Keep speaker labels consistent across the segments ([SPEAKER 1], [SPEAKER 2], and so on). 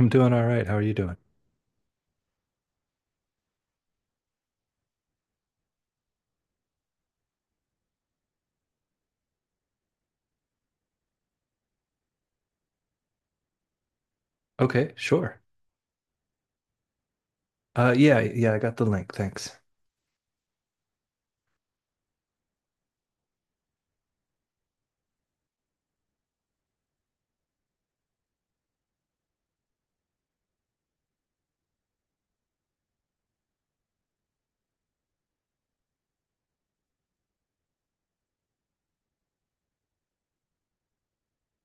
[SPEAKER 1] I'm doing all right. How are you doing? Okay, sure. Yeah, I got the link. Thanks.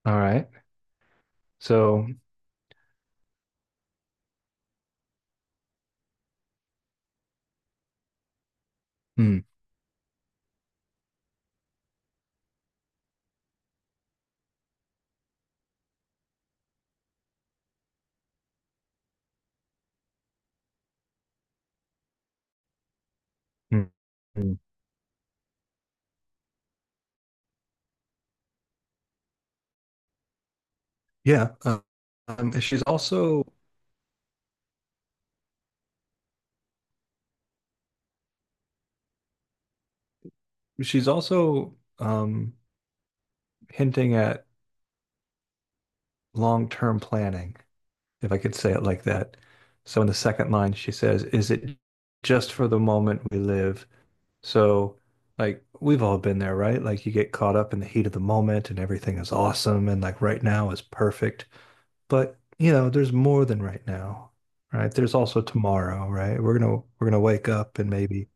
[SPEAKER 1] All right. So, hmm, hmm, hmm, yeah. She's also she's also hinting at long-term planning, if I could say it like that. So in the second line, she says, "Is it just for the moment we live?" So, like, we've all been there, right? Like, you get caught up in the heat of the moment and everything is awesome and like right now is perfect. But, you know, there's more than right now, right? There's also tomorrow, right? We're gonna wake up and maybe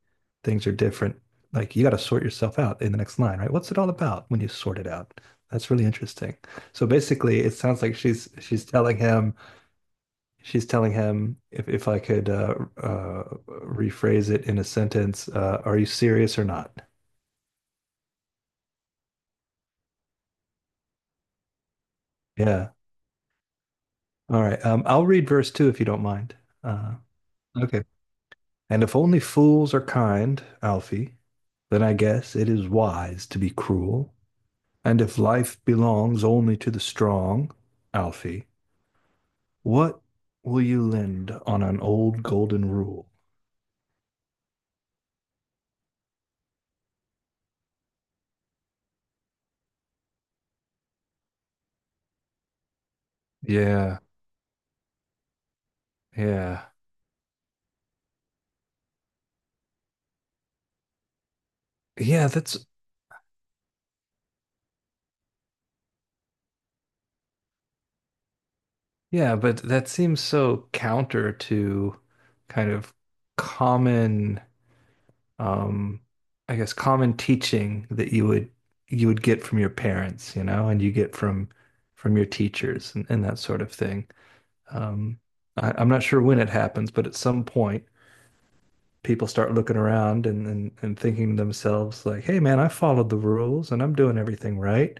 [SPEAKER 1] things are different. Like, you got to sort yourself out in the next line, right? What's it all about when you sort it out? That's really interesting. So basically, it sounds like She's telling him, if I could rephrase it in a sentence, are you serious or not? Yeah. All right. I'll read verse two if you don't mind. Uh, okay. And if only fools are kind, Alfie, then I guess it is wise to be cruel. And if life belongs only to the strong, Alfie, what will you lend on an old golden rule? Yeah, yeah. Yeah, that's— yeah, but that seems so counter to kind of common, um, I guess common teaching that you would get from your parents, you know, and you get from your teachers and that sort of thing. Um, I'm not sure when it happens, but at some point people start looking around and, and thinking to themselves like, "Hey, man, I followed the rules and I'm doing everything right.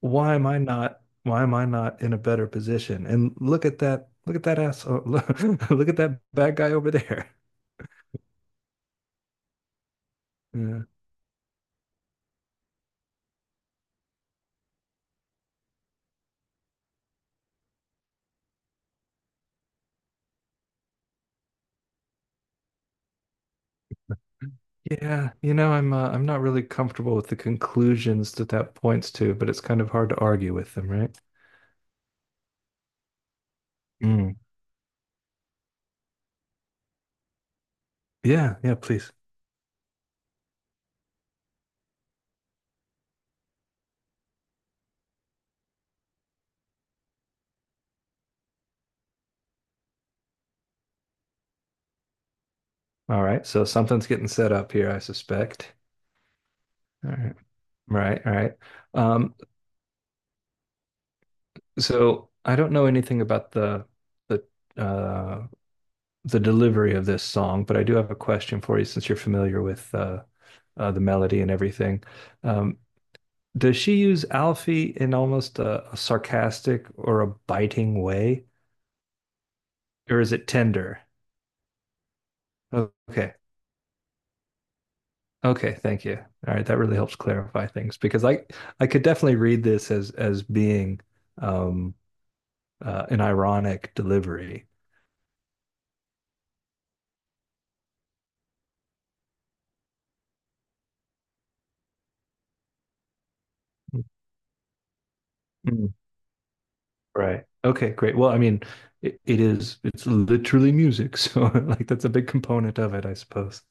[SPEAKER 1] Why am I not in a better position? And look at that asshole look at that bad guy over there." Yeah. Yeah, you know, I'm not really comfortable with the conclusions that that points to, but it's kind of hard to argue with them, right? Mm. Yeah, yeah, please. All right, so something's getting set up here, I suspect. All right, right, all right. Um, so I don't know anything about the the uh, the delivery of this song, but I do have a question for you since you're familiar with the melody and everything. Um, does she use Alfie in almost a sarcastic or a biting way, or is it tender? Okay, okay, thank you. All right, that really helps clarify things because I could definitely read this as being um, an ironic delivery. Mm-hmm. Right. Okay, great. Well, I mean, it is, it's literally music. So, like, that's a big component of it, I suppose.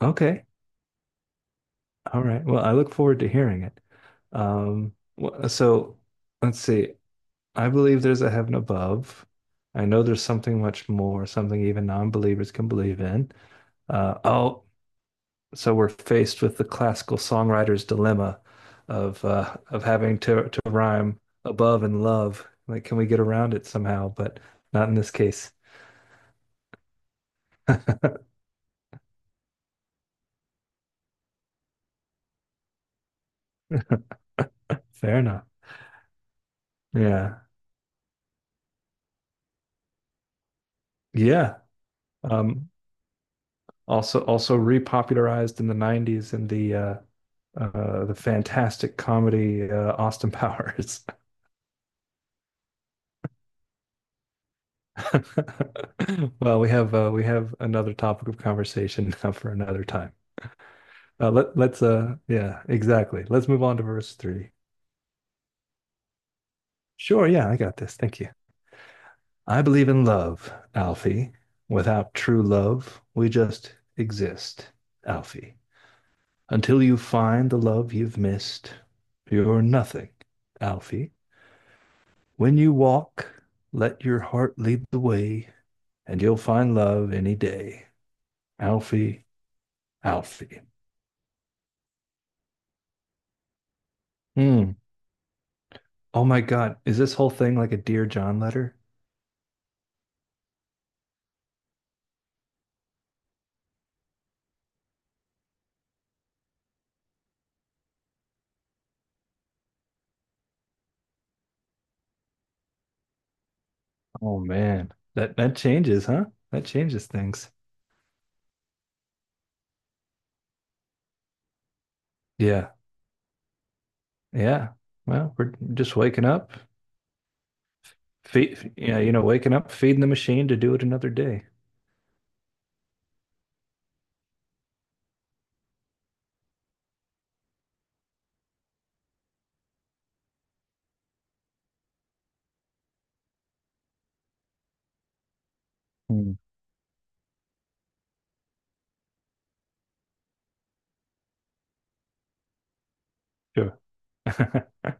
[SPEAKER 1] Okay. All right. Well, I look forward to hearing it. Um, so let's see. I believe there's a heaven above. I know there's something much more, something even non-believers can believe in. Uh, oh, so we're faced with the classical songwriter's dilemma of having to rhyme above and love. Like, can we get around it somehow? But not in this case. Fair enough. Yeah. Yeah. Um, also repopularized in the 90s in the fantastic comedy Austin Powers. Well, we have another topic of conversation now for another time. Let's yeah, exactly, let's move on to verse 3. Sure, yeah, I got this. Thank you. I believe in love, Alfie. Without true love, we just exist, Alfie. Until you find the love you've missed, you're nothing, Alfie. When you walk, let your heart lead the way, and you'll find love any day. Alfie, Alfie. Hmm. Oh my God. Is this whole thing like a Dear John letter? Oh man. That— that changes, huh? That changes things. Yeah. Yeah. Well, we're just waking up. Feed— yeah, you know, waking up, feeding the machine to do it another day. Hmm. Sure.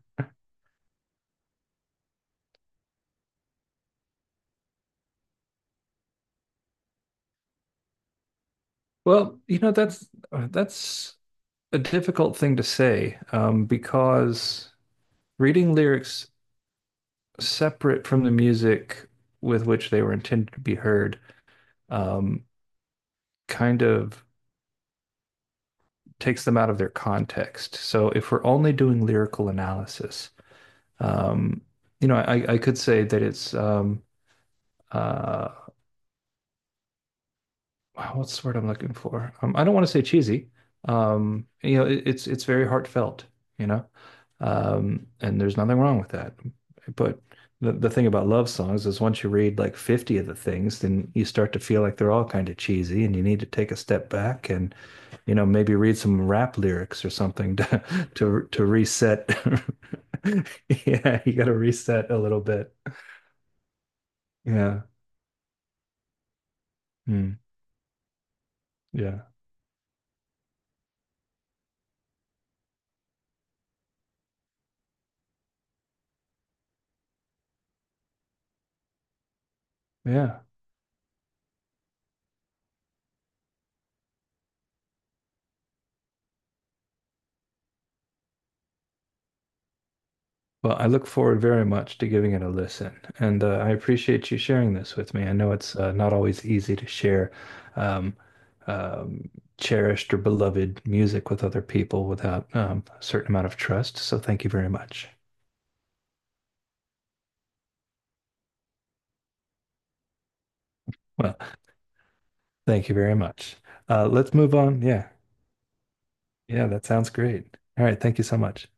[SPEAKER 1] Well, you know, that's a difficult thing to say because reading lyrics separate from the music with which they were intended to be heard um, kind of takes them out of their context. So if we're only doing lyrical analysis, um, you know, I could say that it's uh, what's the word I'm looking for? I don't want to say cheesy. You know, it's very heartfelt, you know, and there's nothing wrong with that. But the thing about love songs is once you read like 50 of the things, then you start to feel like they're all kind of cheesy, and you need to take a step back and, you know, maybe read some rap lyrics or something to reset. Yeah, you got to reset a little bit. Yeah. Mm, yeah. Yeah. Well, I look forward very much to giving it a listen, and I appreciate you sharing this with me. I know it's not always easy to share um, um, cherished or beloved music with other people without a certain amount of trust. So thank you very much. Well, thank you very much. Let's move on. Yeah, yeah, that sounds great. All right, thank you so much.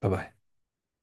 [SPEAKER 1] Bye bye.